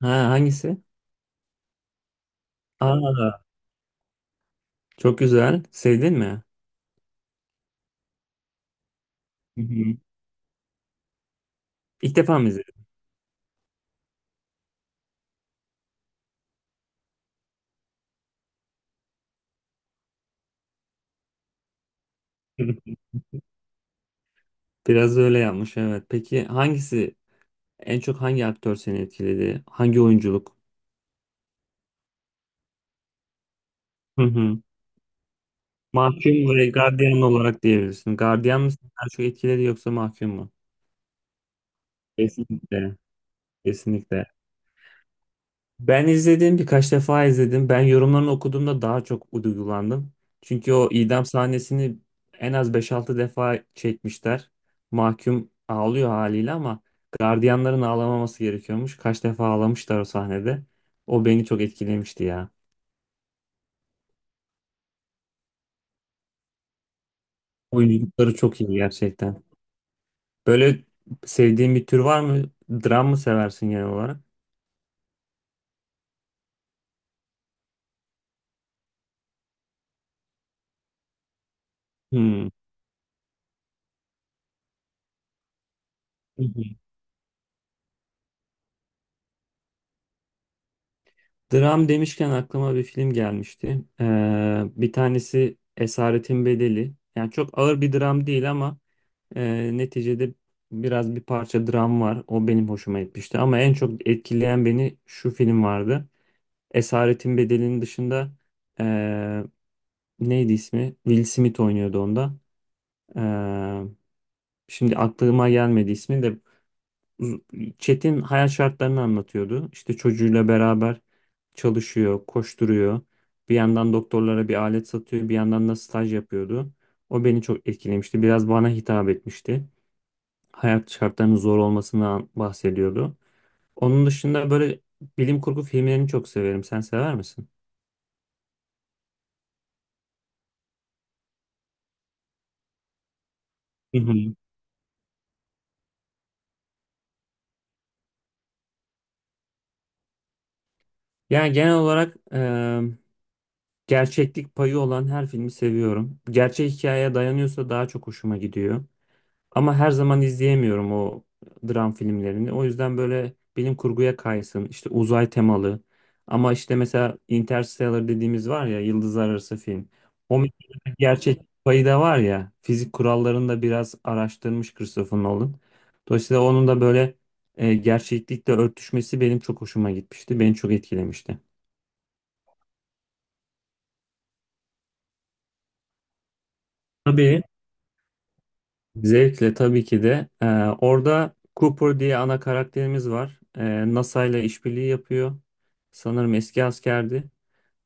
Ha hangisi? Aa çok güzel. Sevdin mi? Hı hı. İlk defa mı izledin? Biraz da öyle yapmış evet. Peki en çok hangi aktör seni etkiledi? Hangi oyunculuk? Hı hı. Mahkum ve gardiyan olarak diyebilirsin. Gardiyan mı seni daha çok etkiledi yoksa mahkum mu? Kesinlikle. Kesinlikle. Ben izledim birkaç defa izledim. Ben yorumlarını okuduğumda daha çok duygulandım. Çünkü o idam sahnesini en az beş altı defa çekmişler. Mahkum ağlıyor haliyle ama gardiyanların ağlamaması gerekiyormuş. Kaç defa ağlamışlar o sahnede. O beni çok etkilemişti ya. Oyunculukları çok iyi gerçekten. Böyle sevdiğin bir tür var mı? Dram mı seversin genel olarak? Hmm. Dram demişken aklıma bir film gelmişti. Bir tanesi Esaretin Bedeli. Yani çok ağır bir dram değil ama neticede biraz bir parça dram var. O benim hoşuma gitmişti. Ama en çok etkileyen beni şu film vardı. Esaretin Bedeli'nin dışında e, neydi ismi? Will Smith oynuyordu onda. E, şimdi aklıma gelmedi ismi de Çetin hayat şartlarını anlatıyordu. İşte çocuğuyla beraber çalışıyor, koşturuyor. Bir yandan doktorlara bir alet satıyor, bir yandan da staj yapıyordu. O beni çok etkilemişti. Biraz bana hitap etmişti. Hayat şartlarının zor olmasından bahsediyordu. Onun dışında böyle bilim kurgu filmlerini çok severim. Sen sever misin? Hı hı. Yani genel olarak gerçeklik payı olan her filmi seviyorum. Gerçek hikayeye dayanıyorsa daha çok hoşuma gidiyor. Ama her zaman izleyemiyorum o dram filmlerini. O yüzden böyle bilim kurguya kaysın, işte uzay temalı. Ama işte mesela Interstellar dediğimiz var ya, yıldızlar arası film. O mesela bir gerçek payı da var ya, fizik kurallarını da biraz araştırmış Christopher Nolan. Dolayısıyla onun da böyle gerçeklikle örtüşmesi benim çok hoşuma gitmişti, beni çok etkilemişti. Tabii. Zevkle tabii ki de. Orada Cooper diye ana karakterimiz var. NASA ile işbirliği yapıyor. Sanırım eski askerdi.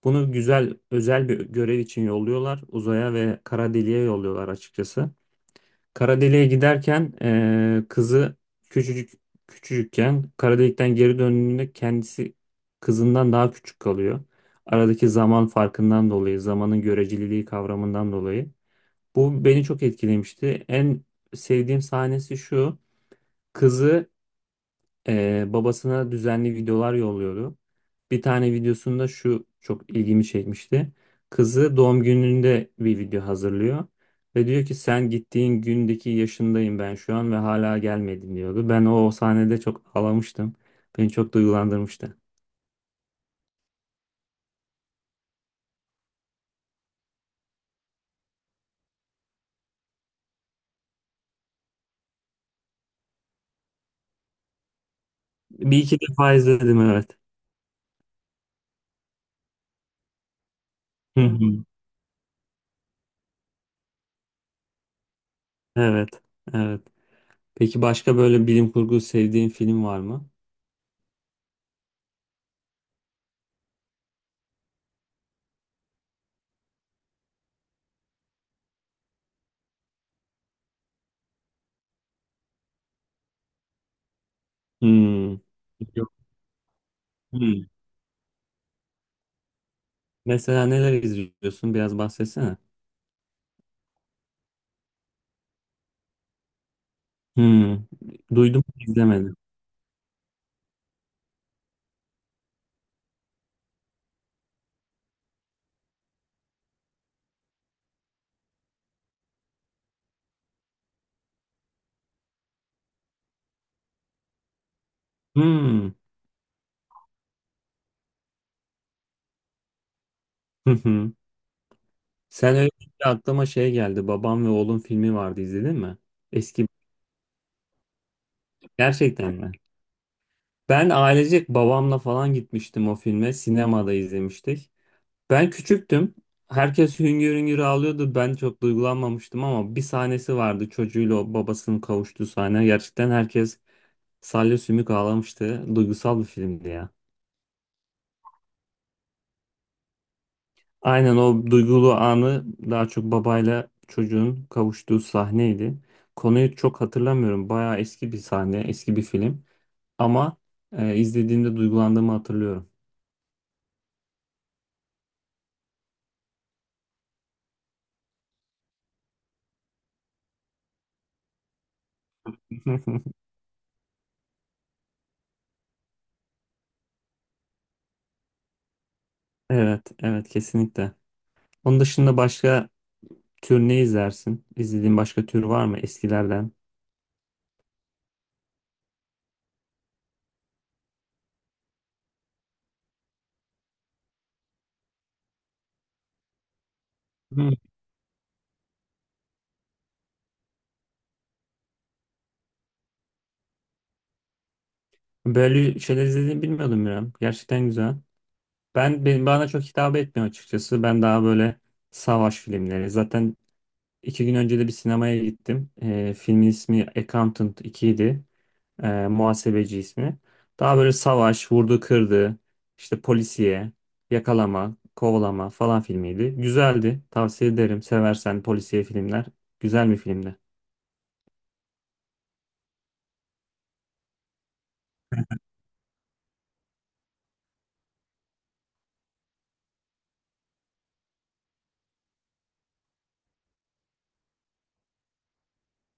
Bunu güzel özel bir görev için yolluyorlar. Uzaya ve kara deliğe yolluyorlar açıkçası. Kara deliğe giderken kızı küçücük küçücükken kara delikten geri döndüğünde kendisi kızından daha küçük kalıyor. Aradaki zaman farkından dolayı, zamanın göreceliliği kavramından dolayı. Bu beni çok etkilemişti. En sevdiğim sahnesi şu. Kızı babasına düzenli videolar yolluyordu. Bir tane videosunda şu çok ilgimi çekmişti. Kızı doğum gününde bir video hazırlıyor. Ve diyor ki sen gittiğin gündeki yaşındayım ben şu an ve hala gelmedin diyordu. Ben o sahnede çok ağlamıştım. Beni çok duygulandırmıştı. Bir iki defa izledim evet. Hı hı. Evet, evet. Peki başka böyle bilim kurgu sevdiğin film var mı? Hmm. Hmm. Mesela neler izliyorsun? Biraz bahsetsene. Hmm. Duydum ama izlemedim. Hmm. Hı hı. Sen öyle deyince aklıma şey geldi. Babam ve oğlum filmi vardı izledin mi? Eski gerçekten mi? Ben ailecek babamla falan gitmiştim o filme. Sinemada izlemiştik. Ben küçüktüm. Herkes hüngür hüngür ağlıyordu. Ben çok duygulanmamıştım ama bir sahnesi vardı. Çocuğuyla o babasının kavuştuğu sahne. Gerçekten herkes salya sümük ağlamıştı. Duygusal bir filmdi ya. Aynen o duygulu anı daha çok babayla çocuğun kavuştuğu sahneydi. Konuyu çok hatırlamıyorum. Bayağı eski bir sahne, eski bir film. Ama izlediğimde duygulandığımı hatırlıyorum. Evet, evet kesinlikle. Onun dışında başka tür ne izlersin? İzlediğin başka tür var mı eskilerden? Hmm. Böyle şeyler izlediğini bilmiyordum ya. Gerçekten güzel. Benim bana çok hitap etmiyor açıkçası. Ben daha böyle savaş filmleri. Zaten 2 gün önce de bir sinemaya gittim. Filmin ismi Accountant 2 idi. Muhasebeci ismi. Daha böyle savaş, vurdu kırdı, işte polisiye, yakalama, kovalama falan filmiydi. Güzeldi. Tavsiye ederim. Seversen polisiye filmler. Güzel bir filmdi.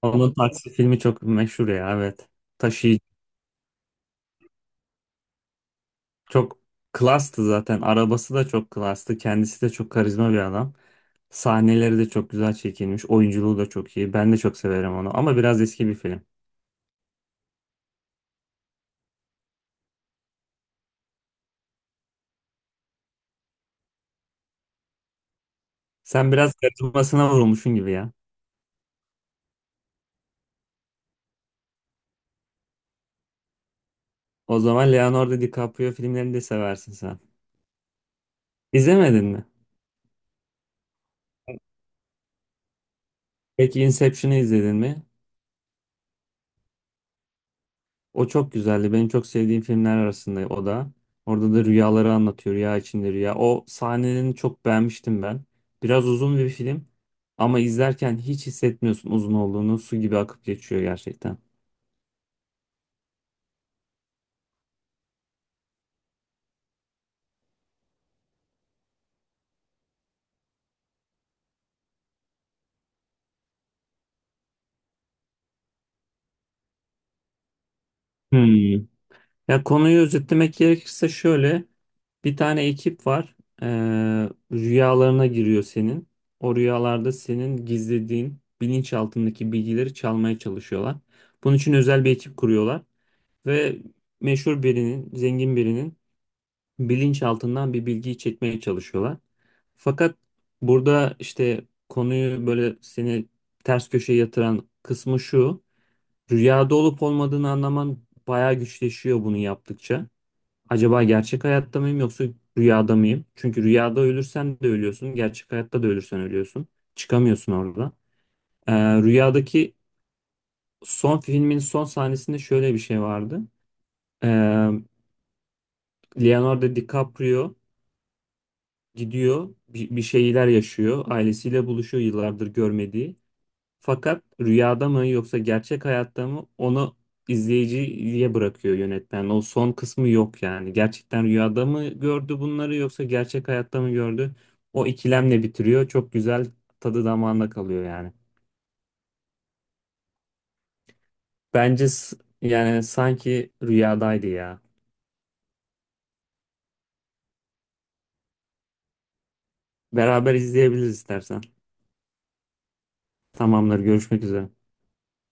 Onun taksi filmi çok meşhur ya evet. Taşıyıcı. Çok klastı zaten. Arabası da çok klastı. Kendisi de çok karizma bir adam. Sahneleri de çok güzel çekilmiş. Oyunculuğu da çok iyi. Ben de çok severim onu. Ama biraz eski bir film. Sen biraz karizmasına vurulmuşsun gibi ya. O zaman Leonardo DiCaprio filmlerini de seversin sen. İzlemedin mi? Peki Inception'ı izledin mi? O çok güzeldi. Benim çok sevdiğim filmler arasında o da. Orada da rüyaları anlatıyor. Rüya içinde rüya. O sahnelerini çok beğenmiştim ben. Biraz uzun bir film. Ama izlerken hiç hissetmiyorsun uzun olduğunu. Su gibi akıp geçiyor gerçekten. Hmm. Ya konuyu özetlemek gerekirse şöyle bir tane ekip var. Ee, rüyalarına giriyor senin. O rüyalarda senin gizlediğin bilinçaltındaki bilgileri çalmaya çalışıyorlar. Bunun için özel bir ekip kuruyorlar ve meşhur birinin, zengin birinin bilinçaltından bir bilgiyi çekmeye çalışıyorlar. Fakat burada işte konuyu böyle seni ters köşeye yatıran kısmı şu. Rüyada olup olmadığını anlaman bayağı güçleşiyor bunu yaptıkça. Acaba gerçek hayatta mıyım yoksa rüyada mıyım? Çünkü rüyada ölürsen de ölüyorsun, gerçek hayatta da ölürsen ölüyorsun. Çıkamıyorsun orada. Rüyadaki son filmin son sahnesinde şöyle bir şey vardı. Ee, Leonardo DiCaprio gidiyor, bir şeyler yaşıyor, ailesiyle buluşuyor yıllardır görmediği. Fakat rüyada mı yoksa gerçek hayatta mı onu izleyiciye bırakıyor yönetmen. O son kısmı yok yani. Gerçekten rüyada mı gördü bunları yoksa gerçek hayatta mı gördü? O ikilemle bitiriyor. Çok güzel tadı damağında kalıyor yani. Bence yani sanki rüyadaydı ya. Beraber izleyebiliriz istersen. Tamamdır, görüşmek üzere.